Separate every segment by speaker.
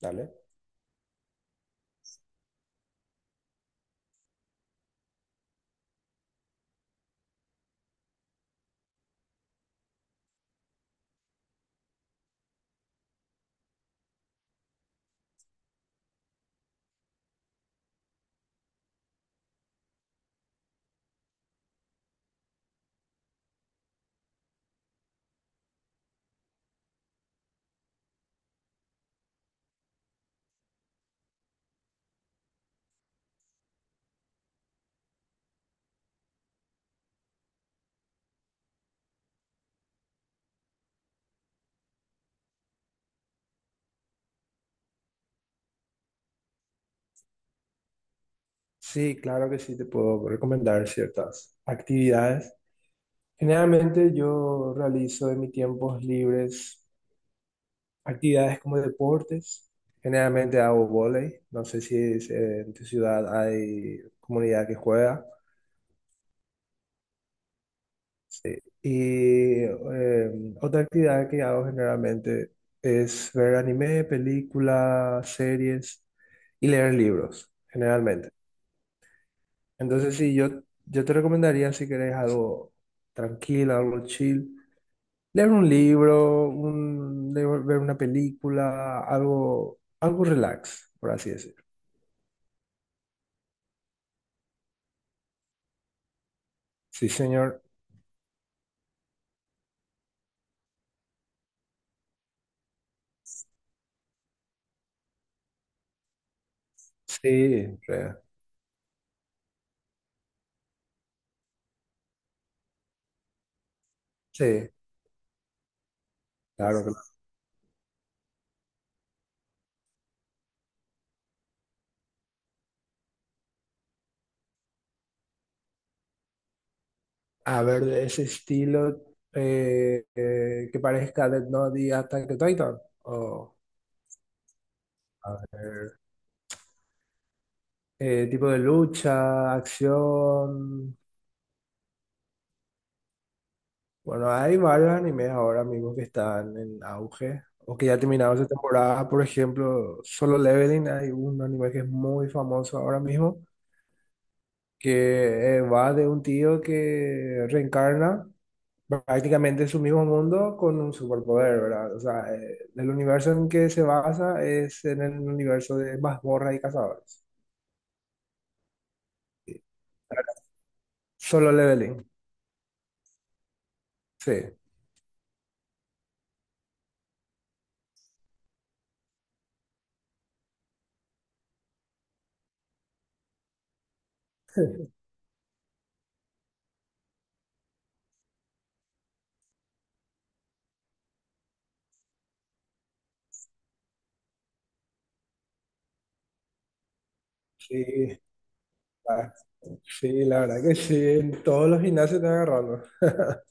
Speaker 1: Dale. Sí, claro que sí, te puedo recomendar ciertas actividades. Generalmente yo realizo en mis tiempos libres actividades como deportes. Generalmente hago vóley. No sé si es- En tu ciudad hay comunidad que juega. Y eh, Otra actividad que hago generalmente es ver anime, películas, series y leer libros, generalmente. Entonces, sí, yo te recomendaría, si querés algo tranquilo, algo chill, leer un libro, ver una película, algo, algo relax, por así decirlo. Sí, señor. Sí, re- sí, claro. Claro. A ver, de ese estilo, que parezca Death Note y Attack on Titan. O, a ver, tipo de lucha, acción. Bueno, hay varios animes ahora mismo que están en auge o que ya terminaron esa temporada. Por ejemplo, Solo Leveling, hay un anime que es muy famoso ahora mismo, que va de un tío que reencarna prácticamente en su mismo mundo con un superpoder, ¿verdad? O sea, el universo en que se basa es en el universo de mazmorras y cazadores. Sí. Solo Leveling, sí. Sí, ah, sí, la verdad que sí, en todos los gimnasios están agarrando.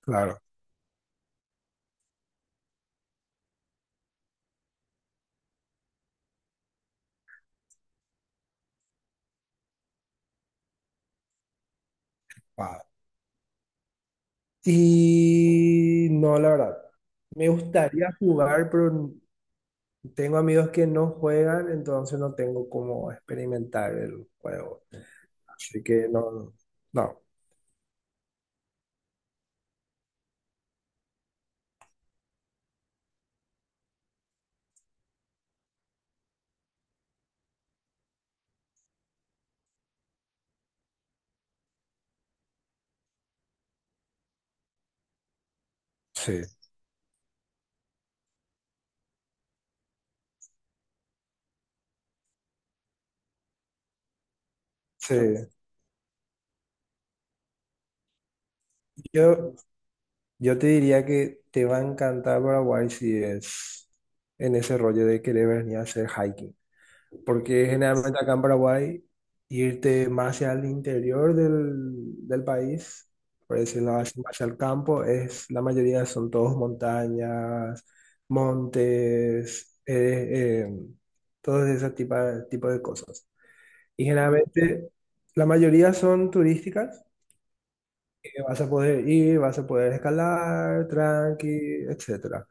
Speaker 1: Claro. Ah. Y no, la verdad. Me gustaría jugar, pero tengo amigos que no juegan, entonces no tengo cómo experimentar el juego. Así que no, no, sí, sí. Yo, yo te diría que te va a encantar Paraguay si es en ese rollo de querer venir a hacer hiking. Porque generalmente acá en Paraguay, irte más hacia el interior del país, por decirlo así, más hacia el campo, es, la mayoría son todos montañas, montes, todos ese tipo, tipo de cosas. Y generalmente la mayoría son turísticas, que vas a poder ir, vas a poder escalar, tranqui, etcétera,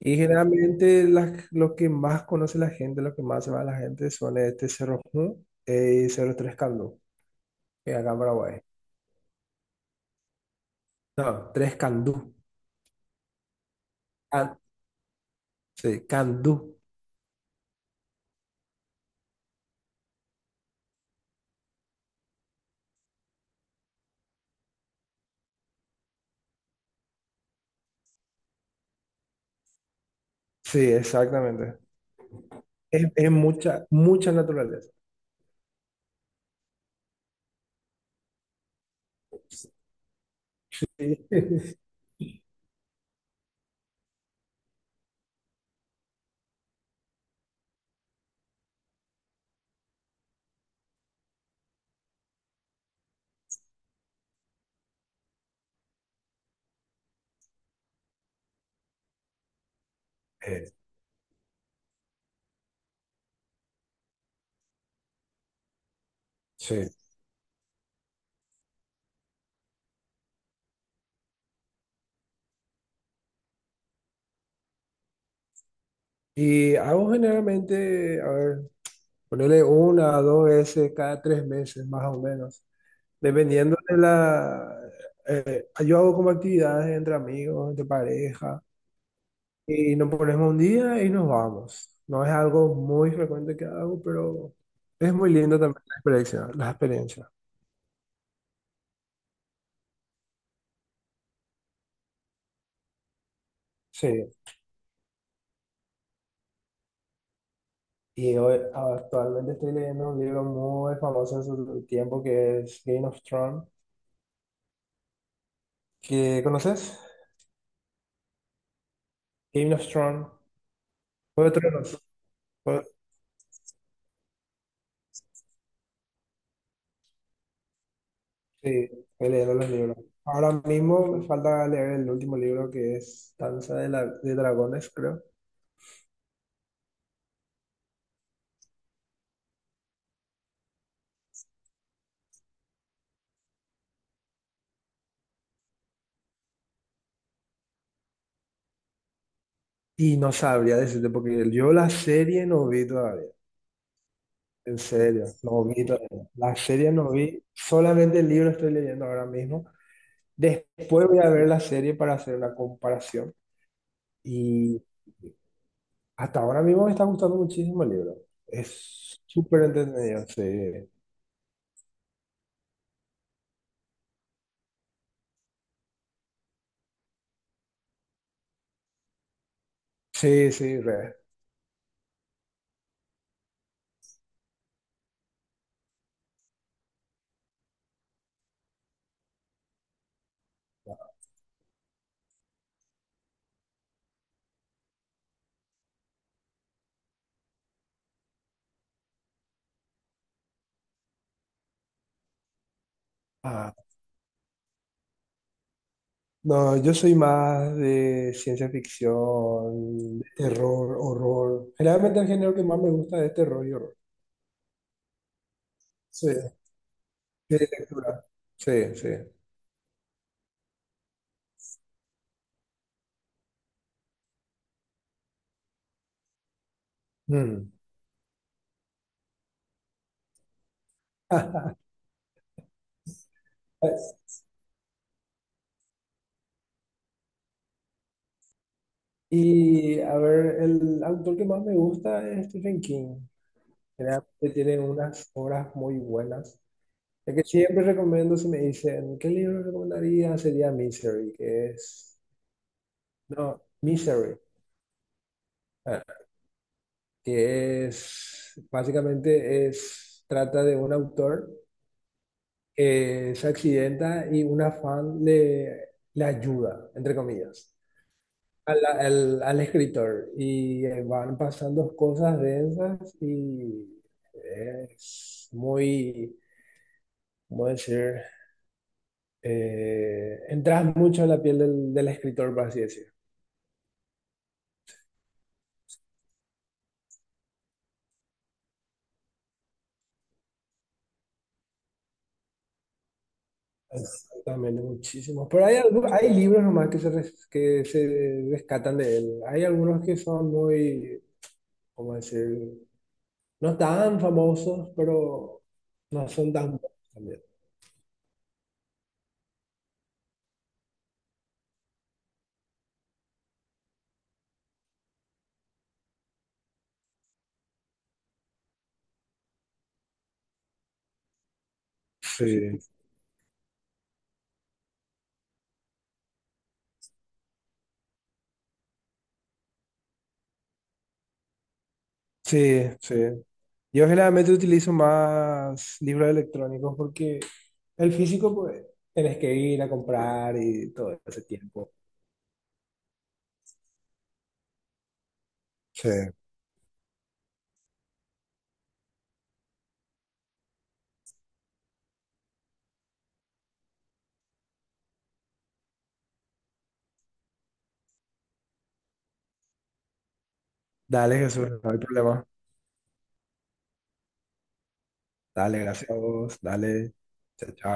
Speaker 1: y generalmente lo que más conoce la gente, lo que más se va la gente son este Cerro Ju y Cerro Tres Candú, que es acá en Paraguay. No, Tres Candú. Ah, sí, Candú. Sí, exactamente. Es mucha, mucha naturaleza. Sí. Eh, sí. Y hago generalmente, a ver, ponerle una a dos veces cada tres meses, más o menos. Dependiendo de la... yo hago como actividades entre amigos, entre pareja. Y nos ponemos un día y nos vamos. No es algo muy frecuente que hago, pero es muy lindo también la experiencia, las experiencias. Sí. Y hoy actualmente estoy leyendo un libro muy famoso en su tiempo que es Game of Thrones. ¿Que conoces? Game of Thrones. Juego de Tronos. Jue- Sí, estoy leyendo los libros. Ahora mismo me falta leer el último libro que es Danza de, de Dragones, creo. Y no sabría decirte porque yo la serie no vi todavía. En serio, no vi todavía. La serie no vi, solamente el libro estoy leyendo ahora mismo. Después voy a ver la serie para hacer una comparación. Y hasta ahora mismo me está gustando muchísimo el libro. Es súper entretenido, sí. Sí, sí, re. Ah, no, yo soy más de ciencia ficción, de terror, horror. Generalmente el género que más me gusta es terror y horror. Sí, sí, lectura. Sí, sí. Mm. Y a ver, el autor que más me gusta es Stephen King. Realmente tiene unas obras muy buenas. El que siempre recomiendo, si me dicen, ¿qué libro recomendaría? Sería Misery, que es... No, Misery, ah, que es... Básicamente es, trata de un autor que se accidenta y una fan le ayuda, entre comillas. Al escritor y van pasando cosas densas y es muy, ¿cómo decir? Entras mucho en la piel del escritor, por así decirlo. Exactamente, muchísimos. Pero hay, hay libros nomás que que se rescatan de él. Hay algunos que son muy, ¿cómo decir? No tan famosos, pero no son tan buenos también. Sí, sí, sí. Yo generalmente utilizo más libros electrónicos porque el físico, pues, tenés que ir a comprar y todo ese tiempo. Sí. Dale, Jesús, no hay problema. Dale, gracias a vos. Dale. Chao, chao.